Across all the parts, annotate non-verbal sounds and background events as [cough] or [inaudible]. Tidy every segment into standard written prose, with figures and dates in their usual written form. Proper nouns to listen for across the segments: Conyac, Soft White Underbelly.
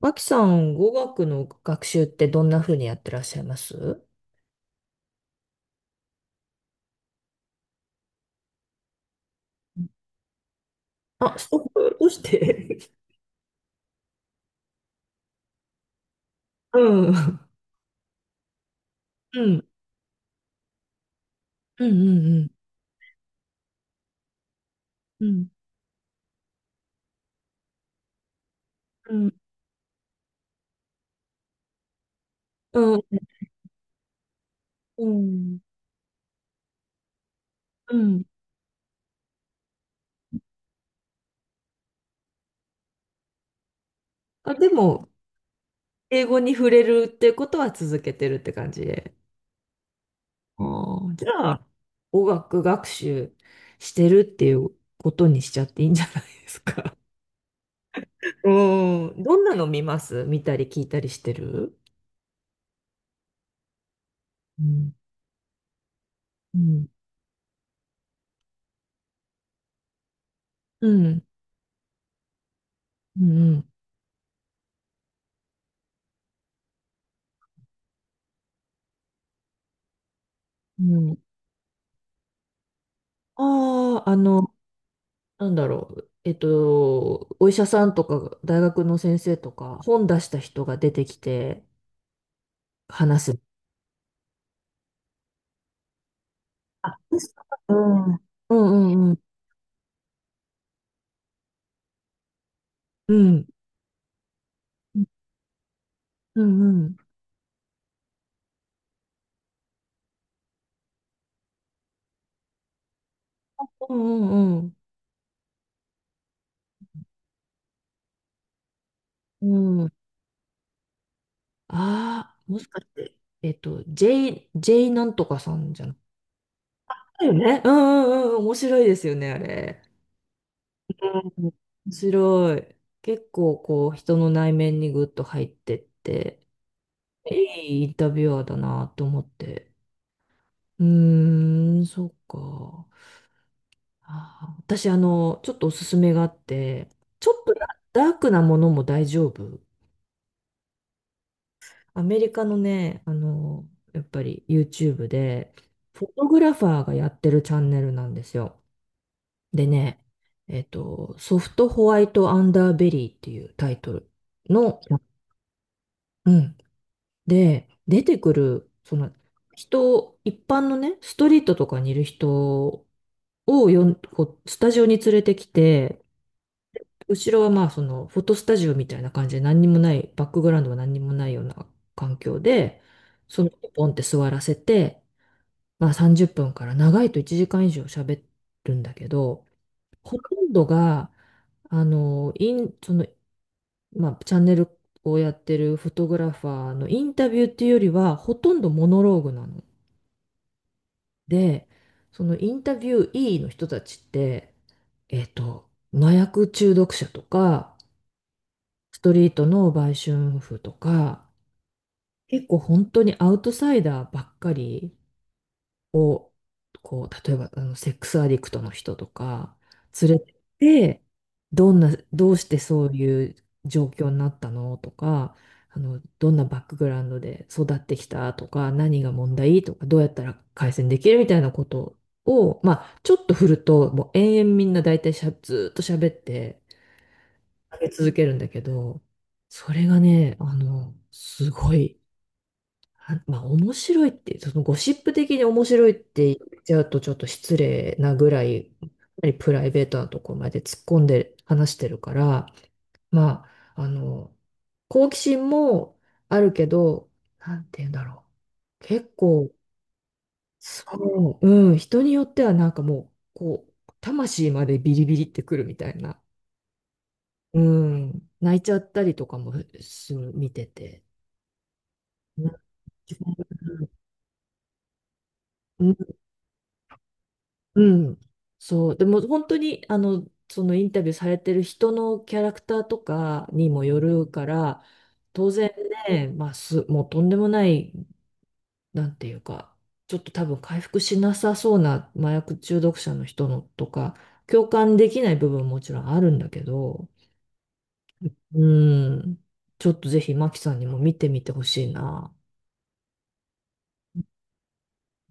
脇さん、語学の学習ってどんな風にやってらっしゃいます？あ、そう。どうして？ [laughs] うん。うん。うんうんうん。うん。うん。うん。うん。あ、でも、英語に触れるってことは続けてるって感じで。ああ、じゃあ、語学学習してるっていうことにしちゃっていいんじゃないですか。[laughs] うん。どんなの見ます見たり聞いたりしてる？うん。うん。うん。うん。うん。ああ、あの、なんだろう。お医者さんとか、大学の先生とか、本出した人が出てきて話す。あ、ですか？うん、うんうんうん。うん。うんうん。うんうんうん。うん。ああ、もしかして、J なんとかさんじゃない？だよね。うんうんうん。面白いですよね、あれ。うん。面白い。結構こう、人の内面にぐっと入ってって、いいインタビュアーだなと思って。うーん、そうか。あー、私、ちょっとおすすめがあって、ちょっとダダークなものも大丈夫？アメリカのね、やっぱり YouTube で、フォトグラファーがやってるチャンネルなんですよ。でね、ソフトホワイトアンダーベリーっていうタイトルの、うん。で、出てくる、その、人、一般のね、ストリートとかにいる人をこう、スタジオに連れてきて、後ろはまあそのフォトスタジオみたいな感じで何にもない、バックグラウンドは何にもないような環境で、その子ポンって座らせて、まあ30分から長いと1時間以上喋るんだけど、ほとんどが、あの、イン、その、まあチャンネルをやってるフォトグラファーのインタビューっていうよりは、ほとんどモノローグなの。で、そのインタビュー E の人たちって、えっと、麻薬中毒者とか、ストリートの売春婦とか、結構本当にアウトサイダーばっかりを、こう、例えばあのセックスアディクトの人とか、連れてってどんな、どうしてそういう状況になったのとか、あの、どんなバックグラウンドで育ってきたとか、何が問題とか、どうやったら改善できるみたいなことを、まあ、ちょっと振ると、もう延々みんな大体しゃ、ずーっと喋って、上げ続けるんだけど、それがね、あの、すごい、あまあ面白いって、そのゴシップ的に面白いって言っちゃうとちょっと失礼なぐらい、かなりプライベートなところまで突っ込んで話してるから、まあ、あの、好奇心もあるけど、なんて言うんだろう。結構、そう、うん、人によってはなんかもう、こう、魂までビリビリってくるみたいな。うん、泣いちゃったりとかもする、見てて。なうん、うん、そう、でも本当に、あの、そのインタビューされてる人のキャラクターとかにもよるから、当然ね、もうとんでもない、なんていうか、ちょっと多分回復しなさそうな麻薬中毒者の人のとか、共感できない部分ももちろんあるんだけど、うん、ちょっとぜひマキさんにも見てみてほしいな。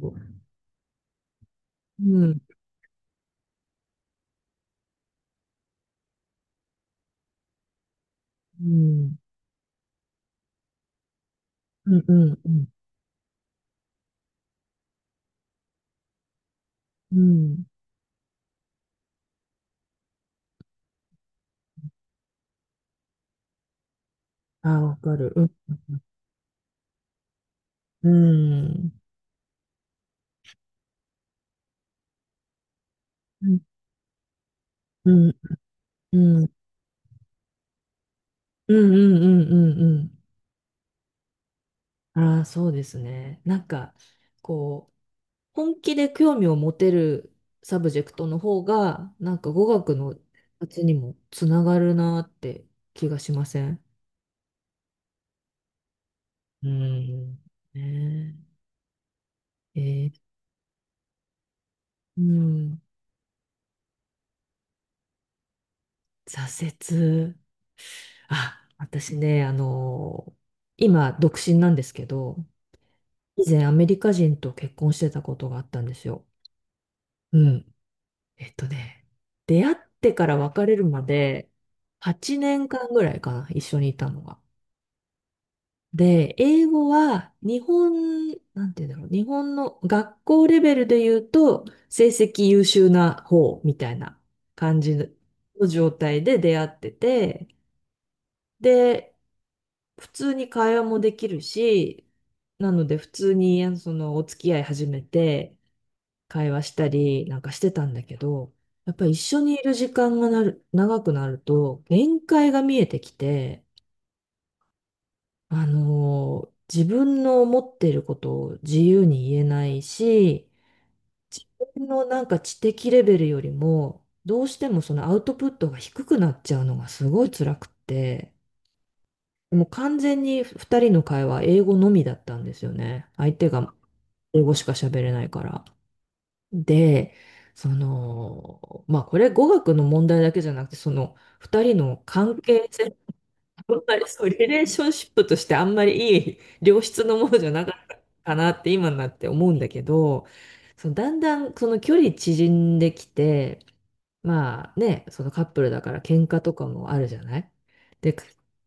うん。うん。うんうんうん。うん。ああ、わかる。うん。うん。うん。うん。うん。うんうんうんうんうん。ああわかるうんうんうんうんうんうんうんうんうんああそうですね。なんか、こう、本気で興味を持てるサブジェクトの方が、なんか語学の発にもつながるなって気がしません？うん。ねえ。えー。うん。挫折。あ、私ね、あの今、独身なんですけど、以前アメリカ人と結婚してたことがあったんですよ。うん。えっとね、出会ってから別れるまで8年間ぐらいかな、一緒にいたのが。で、英語は日本、なんて言うんだろう、日本の学校レベルで言うと成績優秀な方みたいな感じの状態で出会ってて、で、普通に会話もできるし、なので普通にあのそのお付き合い始めて、会話したりなんかしてたんだけど、やっぱり一緒にいる時間が長くなると、限界が見えてきて、あのー自分の思っていることを自由に言えないし、自分のなんか知的レベルよりも、どうしてもそのアウトプットが低くなっちゃうのがすごい辛くって、でも完全に2人の会話、英語のみだったんですよね。相手が英語しか喋れないから。で、その、まあこれ語学の問題だけじゃなくて、その2人の関係性、あんまりそう、リレーションシップとしてあんまりいい良質のものじゃなかったかなって今になって思うんだけど、そのだんだんその距離縮んできて、まあね、そのカップルだから喧嘩とかもあるじゃない？で、喧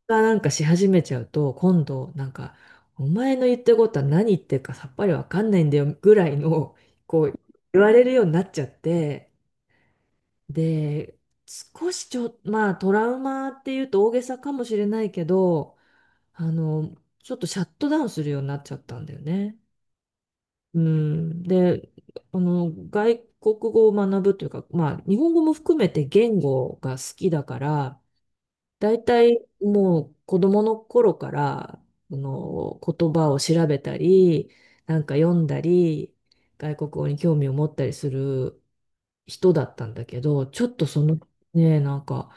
嘩なんかし始めちゃうと、今度なんか、お前の言ってることは何言ってるかさっぱりわかんないんだよぐらいの、こう、言われるようになっちゃって、で、少しちょ、まあトラウマっていうと大げさかもしれないけど、あの、ちょっとシャットダウンするようになっちゃったんだよね。うん。で、あの、外国語を学ぶというか、まあ、日本語も含めて言語が好きだから、だいたいもう子供の頃から、あの、言葉を調べたり、なんか読んだり、外国語に興味を持ったりする人だったんだけど、ちょっとその、ね、なんか、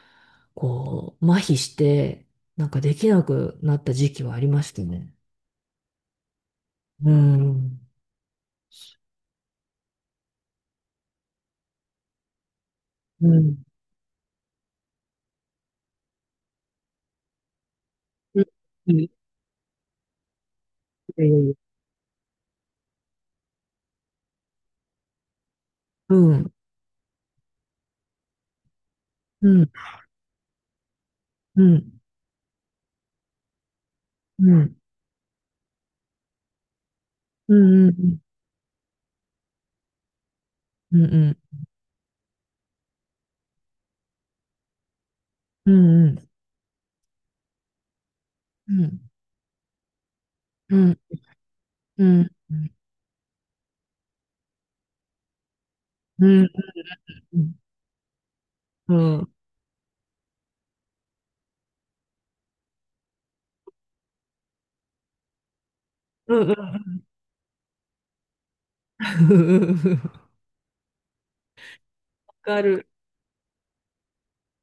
こう、麻痺して、なんかできなくなった時期はありましたね。うん。うん。うん。うん。いやいやいや。うん、うん、うん、うん、うん、うん、うん、うん、うん、うん、うん、うん、うん、うん、うん、うん、うん、うん、わかる。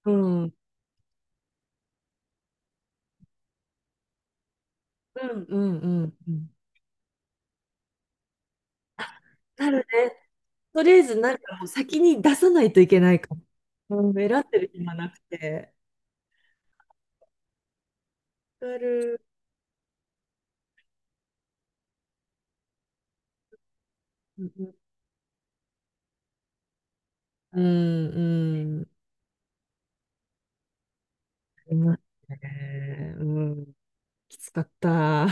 うん、うん、うん、うん。あ、なるね。とりあえず、なんかもう先に出さないといけないかも。うん、選ってる暇なくて。わかる。うん、うん、うん。ありますね。うん、きつかった。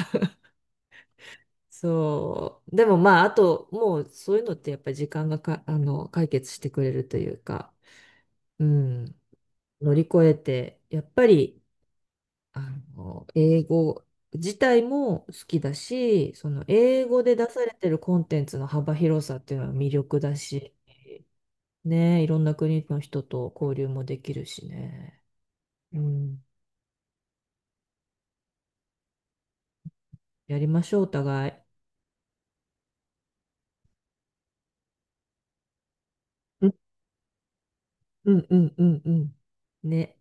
そう。でもまあ、あと、もうそういうのってやっぱり時間がか、あの、解決してくれるというか、うん、乗り越えて、やっぱり、あの、英語自体も好きだし、その英語で出されてるコンテンツの幅広さっていうのは魅力だし、ね、いろんな国の人と交流もできるしね。うん、やりましょう、お互い。うん、うん、うん、うん。うんね。